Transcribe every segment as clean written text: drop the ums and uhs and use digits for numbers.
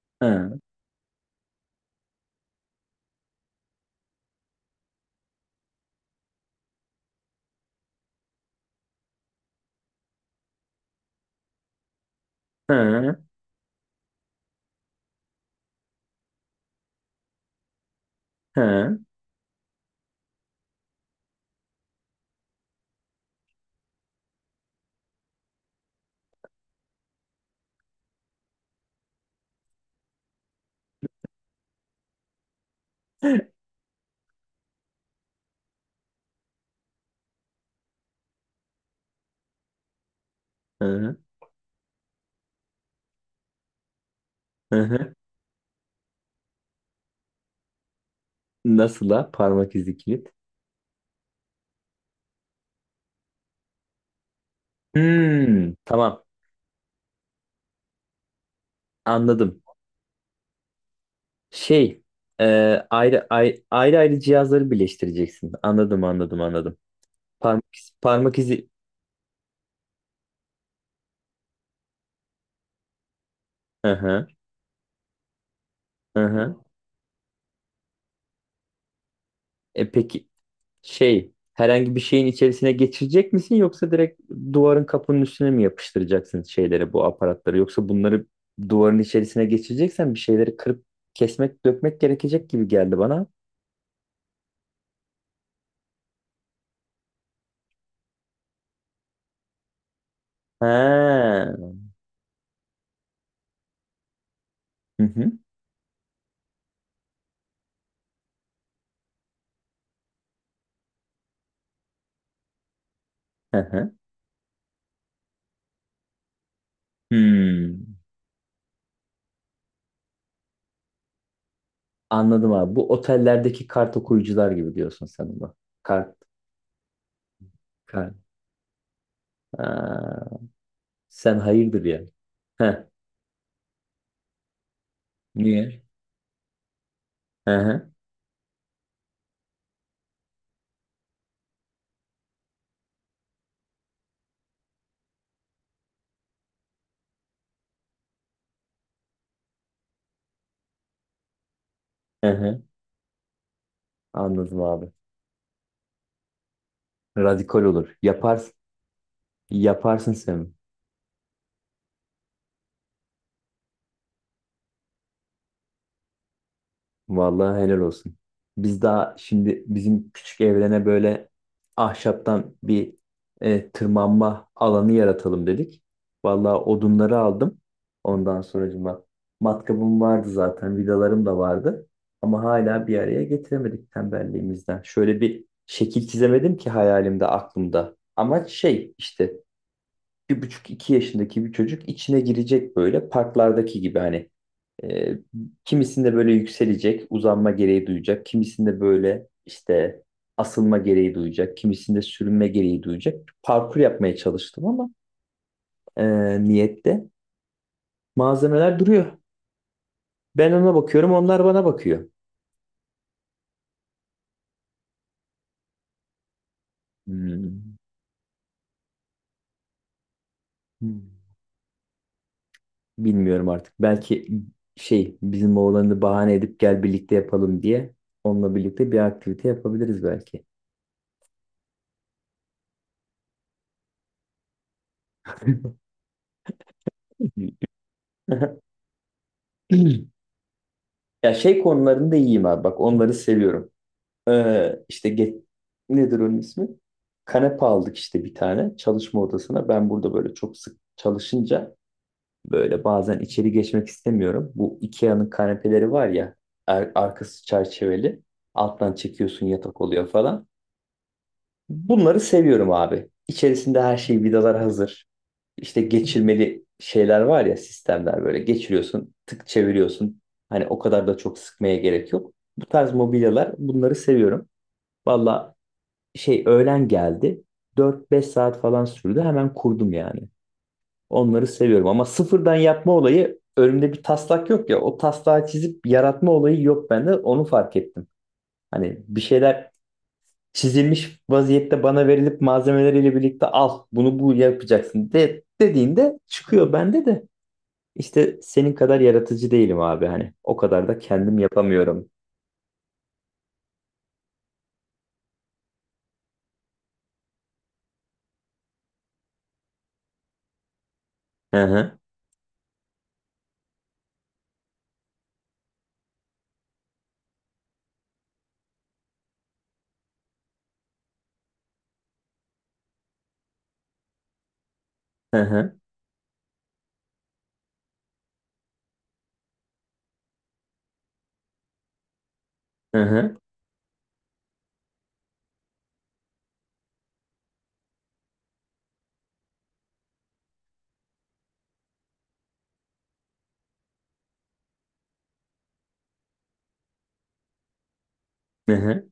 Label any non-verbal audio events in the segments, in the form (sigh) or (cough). (laughs) ha ha ha ha hı, hı. Nasıl la parmak izi kilit? Hmm, tamam anladım. Şey e, ayrı ayrı cihazları birleştireceksin. Anladım anladım anladım. Parmak izi, parmak izi. Hı hı, hı hı. E peki şey herhangi bir şeyin içerisine geçirecek misin yoksa direkt duvarın kapının üstüne mi yapıştıracaksın şeyleri bu aparatları yoksa bunları duvarın içerisine geçireceksen bir şeyleri kırıp kesmek dökmek gerekecek gibi geldi bana. He. Hı hı. Hı hı. Hmm. Anladım abi. Bu otellerdeki kart okuyucular gibi diyorsun sen buna. Kart. Kart. Ha. Sen hayırdır ya. Heh. Niye? Hı hı. Hı hı. Anladım abi. Radikal olur. Yaparsın. Yaparsın sen. Vallahi helal olsun. Biz daha şimdi bizim küçük evrene böyle ahşaptan bir tırmanma alanı yaratalım dedik. Vallahi odunları aldım. Ondan sonracıma matkabım vardı zaten, vidalarım da vardı. Ama hala bir araya getiremedik tembelliğimizden. Şöyle bir şekil çizemedim ki hayalimde, aklımda. Amaç şey işte 1,5-2 yaşındaki bir çocuk içine girecek böyle parklardaki gibi hani e, kimisinde böyle yükselecek, uzanma gereği duyacak, kimisinde böyle işte asılma gereği duyacak, kimisinde sürünme gereği duyacak. Parkur yapmaya çalıştım ama e, niyette malzemeler duruyor. Ben ona bakıyorum, onlar bana bakıyor. Hmm. Hmm. Bilmiyorum artık. Belki şey bizim oğlanı bahane edip gel birlikte yapalım diye onunla birlikte bir aktivite yapabiliriz belki. (laughs) (clears throat) Ya şey konularında iyiyim abi. Bak onları seviyorum. İşte get, nedir onun ismi? Kanepe aldık işte bir tane çalışma odasına. Ben burada böyle çok sık çalışınca böyle bazen içeri geçmek istemiyorum. Bu IKEA'nın kanepeleri var ya arkası çerçeveli. Alttan çekiyorsun yatak oluyor falan. Bunları seviyorum abi. İçerisinde her şey vidalar hazır. İşte geçirmeli şeyler var ya sistemler böyle geçiriyorsun, tık çeviriyorsun. Hani o kadar da çok sıkmaya gerek yok. Bu tarz mobilyalar bunları seviyorum. Valla şey öğlen geldi. 4-5 saat falan sürdü. Hemen kurdum yani. Onları seviyorum ama sıfırdan yapma olayı önümde bir taslak yok ya. O taslağı çizip yaratma olayı yok bende. Onu fark ettim. Hani bir şeyler çizilmiş vaziyette bana verilip malzemeleriyle birlikte al bunu bu yapacaksın de, dediğinde çıkıyor bende de. İşte senin kadar yaratıcı değilim abi hani. O kadar da kendim yapamıyorum. Hı hı. Hı hı. Hı hı. Hı hı.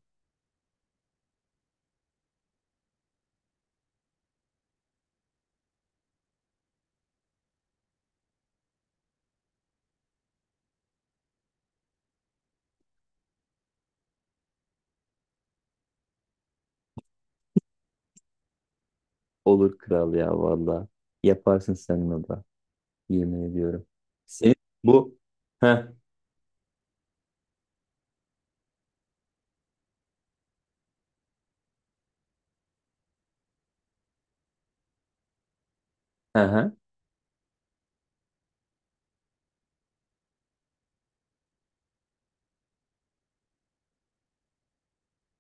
Olur kral ya valla. Yaparsın sen onu da. Yemin ediyorum. Senin bu hı hı. Hı.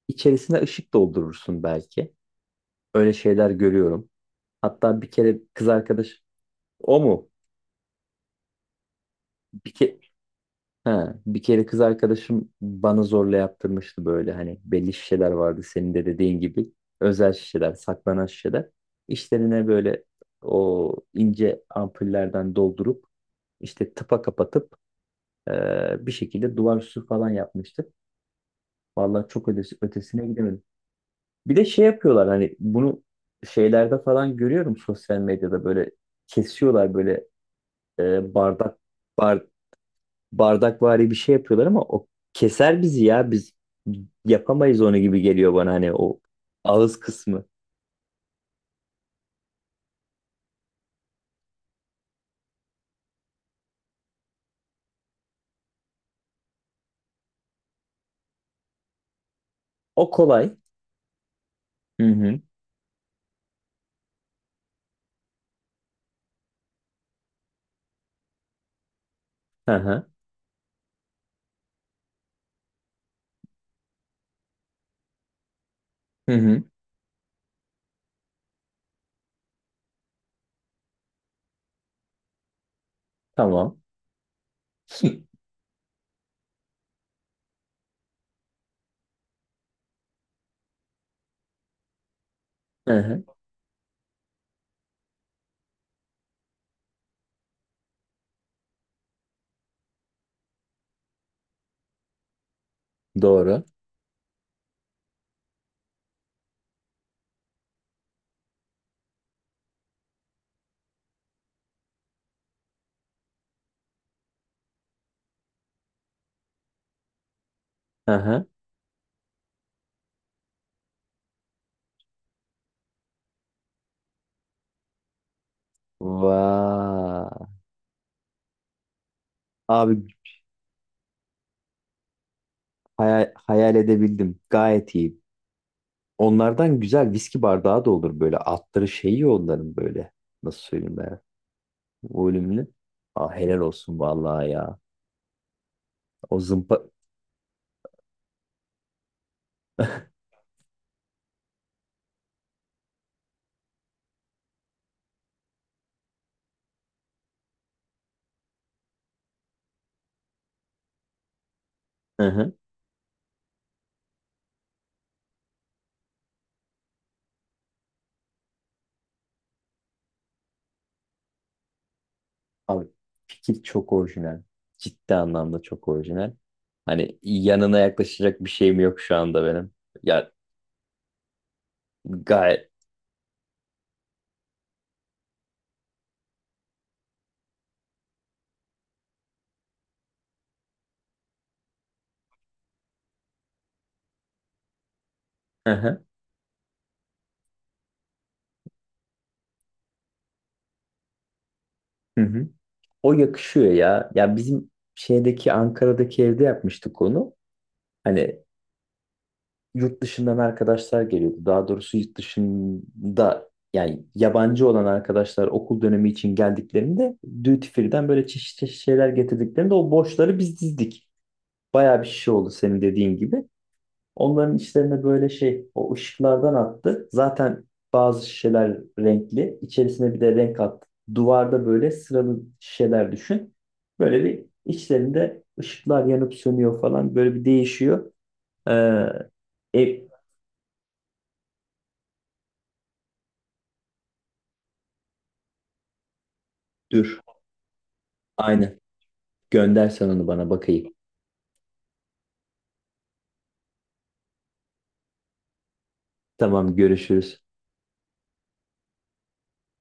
İçerisine ışık doldurursun belki. Öyle şeyler görüyorum. Hatta bir kere kız arkadaş o mu? Bir ke Ha, bir kere kız arkadaşım bana zorla yaptırmıştı böyle hani belli şişeler vardı senin de dediğin gibi özel şişeler saklanan şişeler içlerine böyle o ince ampullerden doldurup işte tıpa kapatıp bir şekilde duvar süsü falan yapmıştık. Vallahi çok ötesine gidemedim. Bir de şey yapıyorlar hani bunu şeylerde falan görüyorum sosyal medyada böyle kesiyorlar böyle e, bardak bardakvari bir şey yapıyorlar ama o keser bizi ya biz yapamayız onu gibi geliyor bana hani o ağız kısmı. O kolay. Hı hı. Hı hı. Hı hı. Tamam. (laughs) Hı hı. Doğru. Hı hı. Vaa. Abi hayal edebildim. Gayet iyi. Onlardan güzel viski bardağı da olur böyle. Altları şeyi onların böyle. Nasıl söyleyeyim ben? Volümlü. Aa, helal olsun vallahi ya. O zımpa... Hı hı. Abi fikir çok orijinal. Ciddi anlamda çok orijinal. Hani yanına yaklaşacak bir şeyim yok şu anda benim. Ya gayet. Hı hı. Hı hı. O yakışıyor ya. Ya bizim şeydeki Ankara'daki evde yapmıştık onu. Hani yurt dışından arkadaşlar geliyordu. Daha doğrusu yurt dışında yani yabancı olan arkadaşlar okul dönemi için geldiklerinde duty free'den böyle çeşitli çeşit şeyler getirdiklerinde o boşları biz dizdik. Bayağı bir şişe oldu senin dediğin gibi. Onların içlerine böyle şey o ışıklardan attı. Zaten bazı şişeler renkli. İçerisine bir de renk attı. Duvarda böyle sıralı şişeler düşün. Böyle bir içlerinde ışıklar yanıp sönüyor falan. Böyle bir değişiyor. Ee, e, Dur. Aynen. Göndersen onu bana bakayım. Tamam görüşürüz.